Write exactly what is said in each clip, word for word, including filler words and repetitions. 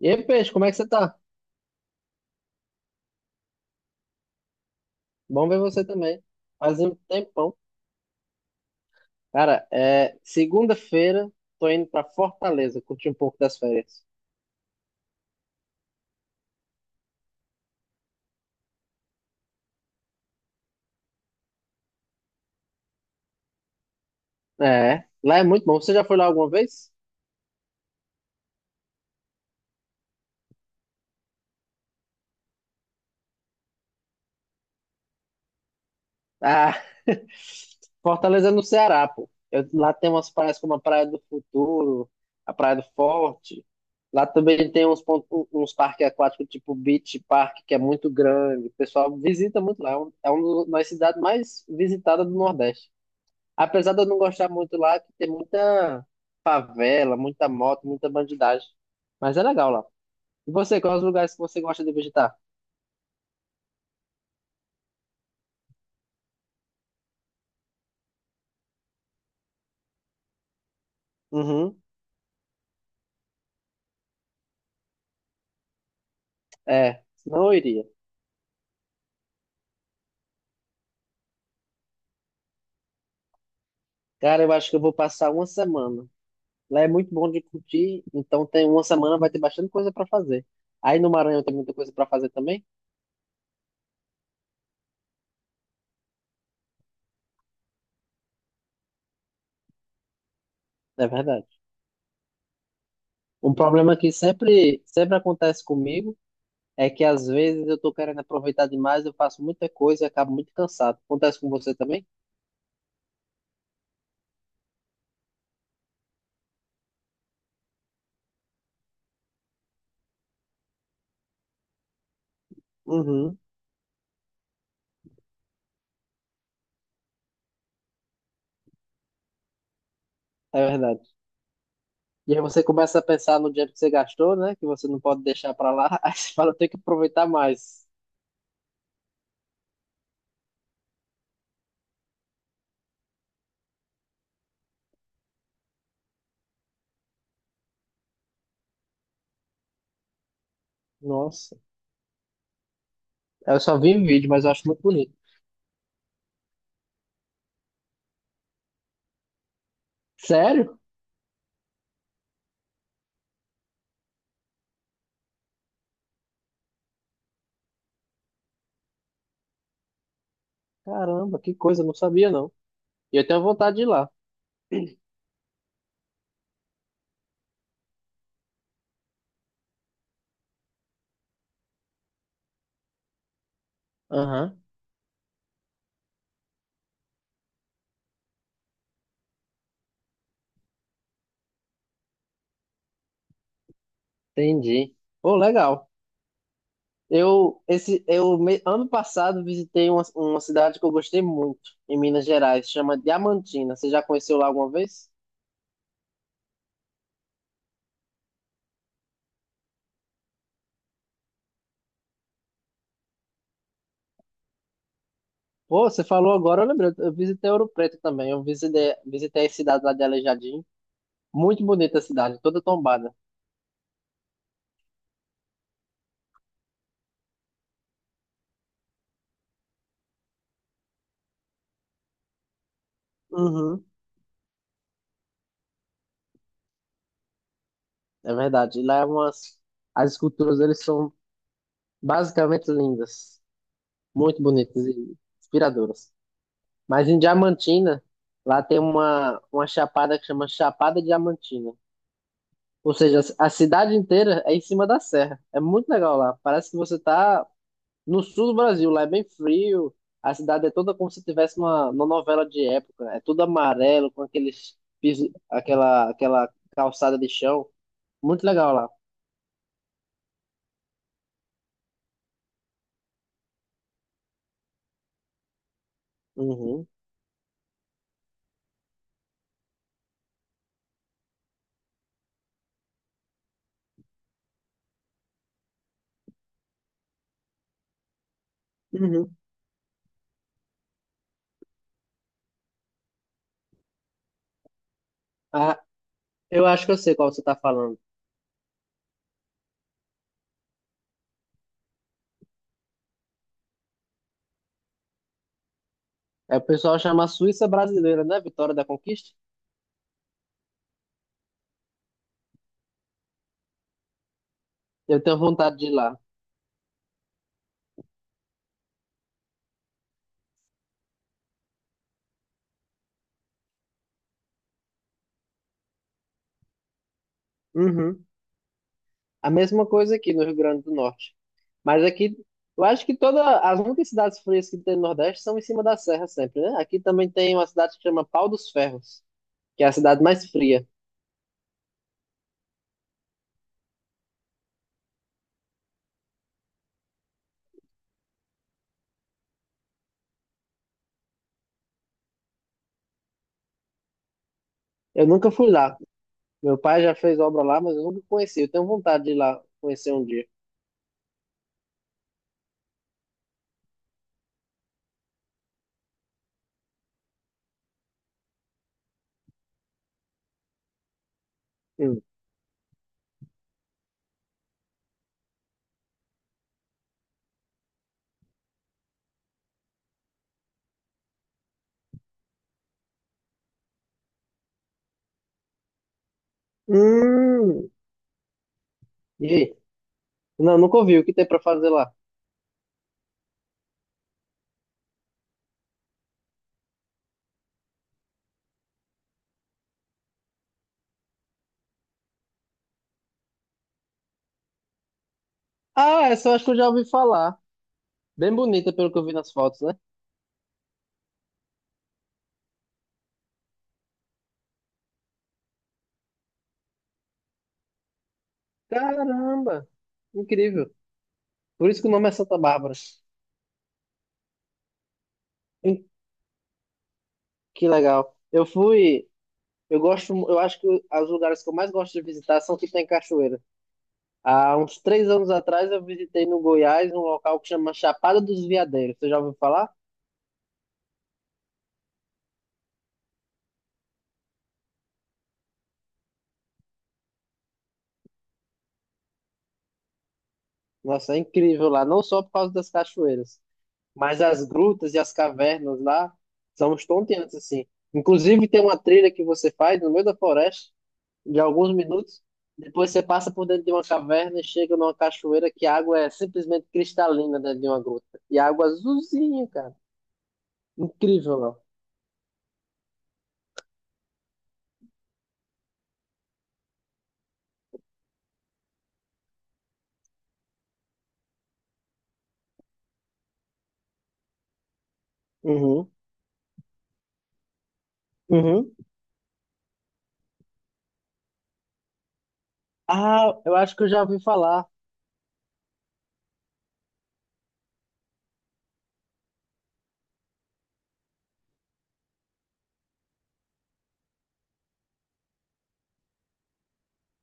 E aí, Peixe, como é que você tá? Bom ver você também. Faz um tempão. Cara, é segunda-feira, tô indo pra Fortaleza, curtir um pouco das férias. É, lá é muito bom. Você já foi lá alguma vez? Ah, Fortaleza é no Ceará, pô. Eu- lá tem umas praias como a Praia do Futuro, a Praia do Forte. Lá também tem uns, pontos, uns parques aquáticos, tipo Beach Park, que é muito grande. O pessoal visita muito lá. É um, é uma das cidades mais visitadas do Nordeste. Apesar de eu não gostar muito lá, que tem muita favela, muita moto, muita bandidagem. Mas é legal lá. E você, quais os lugares que você gosta de visitar? Uhum. É, não iria. Cara, eu acho que eu vou passar uma semana. Lá é muito bom de curtir, então tem uma semana vai ter bastante coisa para fazer. Aí no Maranhão tem muita coisa para fazer também, é verdade. Um problema que sempre, sempre acontece comigo é que às vezes eu tô querendo aproveitar demais, eu faço muita coisa e acabo muito cansado. Acontece com você também? Uhum. É verdade. E aí você começa a pensar no dinheiro que você gastou, né? Que você não pode deixar pra lá. Aí você fala, tem que aproveitar mais. Nossa, eu só vi em vídeo, mas eu acho muito bonito. Sério? Caramba, que coisa, eu não sabia não. E eu tenho vontade de ir lá. Aham, entendi. Pô, legal. Eu, esse, eu me- Ano passado visitei uma, uma cidade que eu gostei muito, em Minas Gerais, chama Diamantina. Você já conheceu lá alguma vez? Pô, você falou agora, eu lembrei. Eu visitei Ouro Preto também. Eu visitei, visitei a cidade lá de Aleijadinho. Muito bonita a cidade, toda tombada. Uhum, é verdade. Lá é umas. As esculturas, eles são basicamente lindas. Muito bonitas e inspiradoras. Mas em Diamantina, lá tem uma, uma chapada que chama Chapada Diamantina. Ou seja, a cidade inteira é em cima da serra. É muito legal lá. Parece que você tá no sul do Brasil. Lá é bem frio. A cidade é toda como se tivesse uma, uma novela de época. É tudo amarelo, com aqueles piso, aquela, aquela calçada de chão. Muito legal lá. Uhum. Uhum. Ah, eu acho que eu sei qual você está falando. É, o pessoal chama Suíça brasileira, né? Vitória da Conquista. Eu tenho vontade de ir lá. Uhum. A mesma coisa aqui no Rio Grande do Norte. Mas aqui, eu acho que todas as muitas cidades frias que tem no Nordeste são em cima da serra sempre, né? Aqui também tem uma cidade que chama Pau dos Ferros, que é a cidade mais fria. Eu nunca fui lá. Meu pai já fez obra lá, mas eu nunca conheci. Eu tenho vontade de ir lá conhecer um dia. Hum. Hum. E aí? Não, nunca ouvi. O que tem pra fazer lá? Ah, essa eu acho que eu já ouvi falar. Bem bonita, pelo que eu vi nas fotos, né? Caramba! Incrível. Por isso que o nome é Santa Bárbara. Hum, Que legal. Eu fui. Eu gosto. Eu acho que os lugares que eu mais gosto de visitar são que tem cachoeira. Há uns três anos atrás eu visitei no Goiás um local que chama Chapada dos Veadeiros. Você já ouviu falar? Nossa, é incrível lá. Não só por causa das cachoeiras. Mas as grutas e as cavernas lá são estonteantes, assim. Inclusive, tem uma trilha que você faz no meio da floresta, de alguns minutos. Depois você passa por dentro de uma caverna e chega numa cachoeira que a água é simplesmente cristalina dentro de uma gruta. E a água azulzinha, cara. Incrível, não? Uhum, uhum. Ah, eu acho que eu já ouvi falar.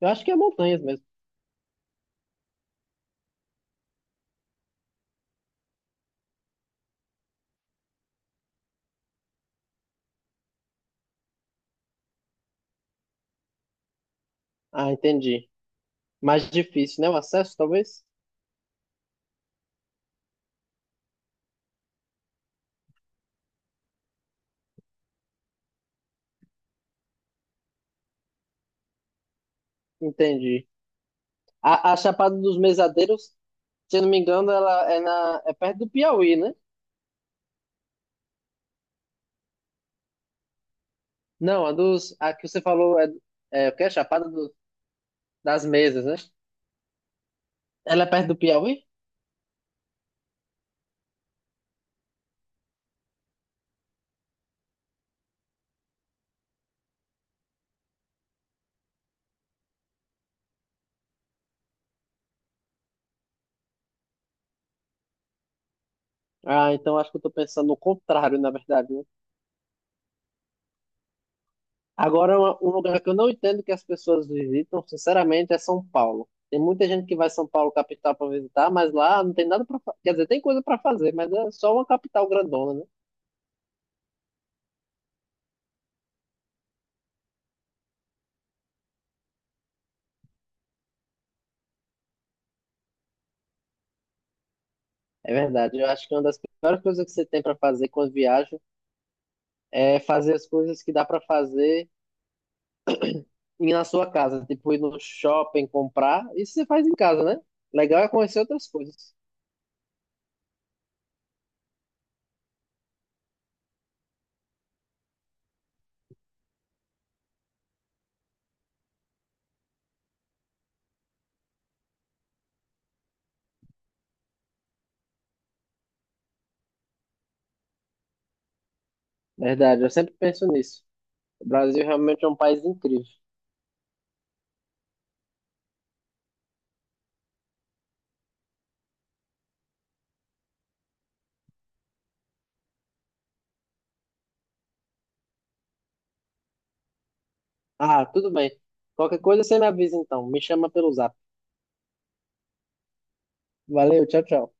Eu acho que é montanhas mesmo. Ah, entendi. Mais difícil, né? O acesso, talvez? Entendi. A, a Chapada dos Mesadeiros, se eu não me engano, ela é, na, é perto do Piauí, né? Não, a, dos, a que você falou é, é o que é Chapada do- das Mesas, né? Ela é perto do Piauí? Ah, então acho que eu tô pensando no contrário, na verdade, né? Agora, uma- um lugar que eu não entendo que as pessoas visitam, sinceramente, é São Paulo. Tem muita gente que vai a São Paulo, capital, para visitar, mas lá não tem nada para fazer. Quer dizer, tem coisa para fazer, mas é só uma capital grandona, né? É verdade. Eu acho que uma das piores coisas que você tem para fazer quando viaja é fazer as coisas que dá para fazer ir na sua casa, tipo ir no shopping comprar, isso você faz em casa, né? Legal é conhecer outras coisas. Verdade, eu sempre penso nisso. O Brasil realmente é um país incrível. Ah, tudo bem. Qualquer coisa você me avisa então. Me chama pelo zap. Valeu, tchau, tchau.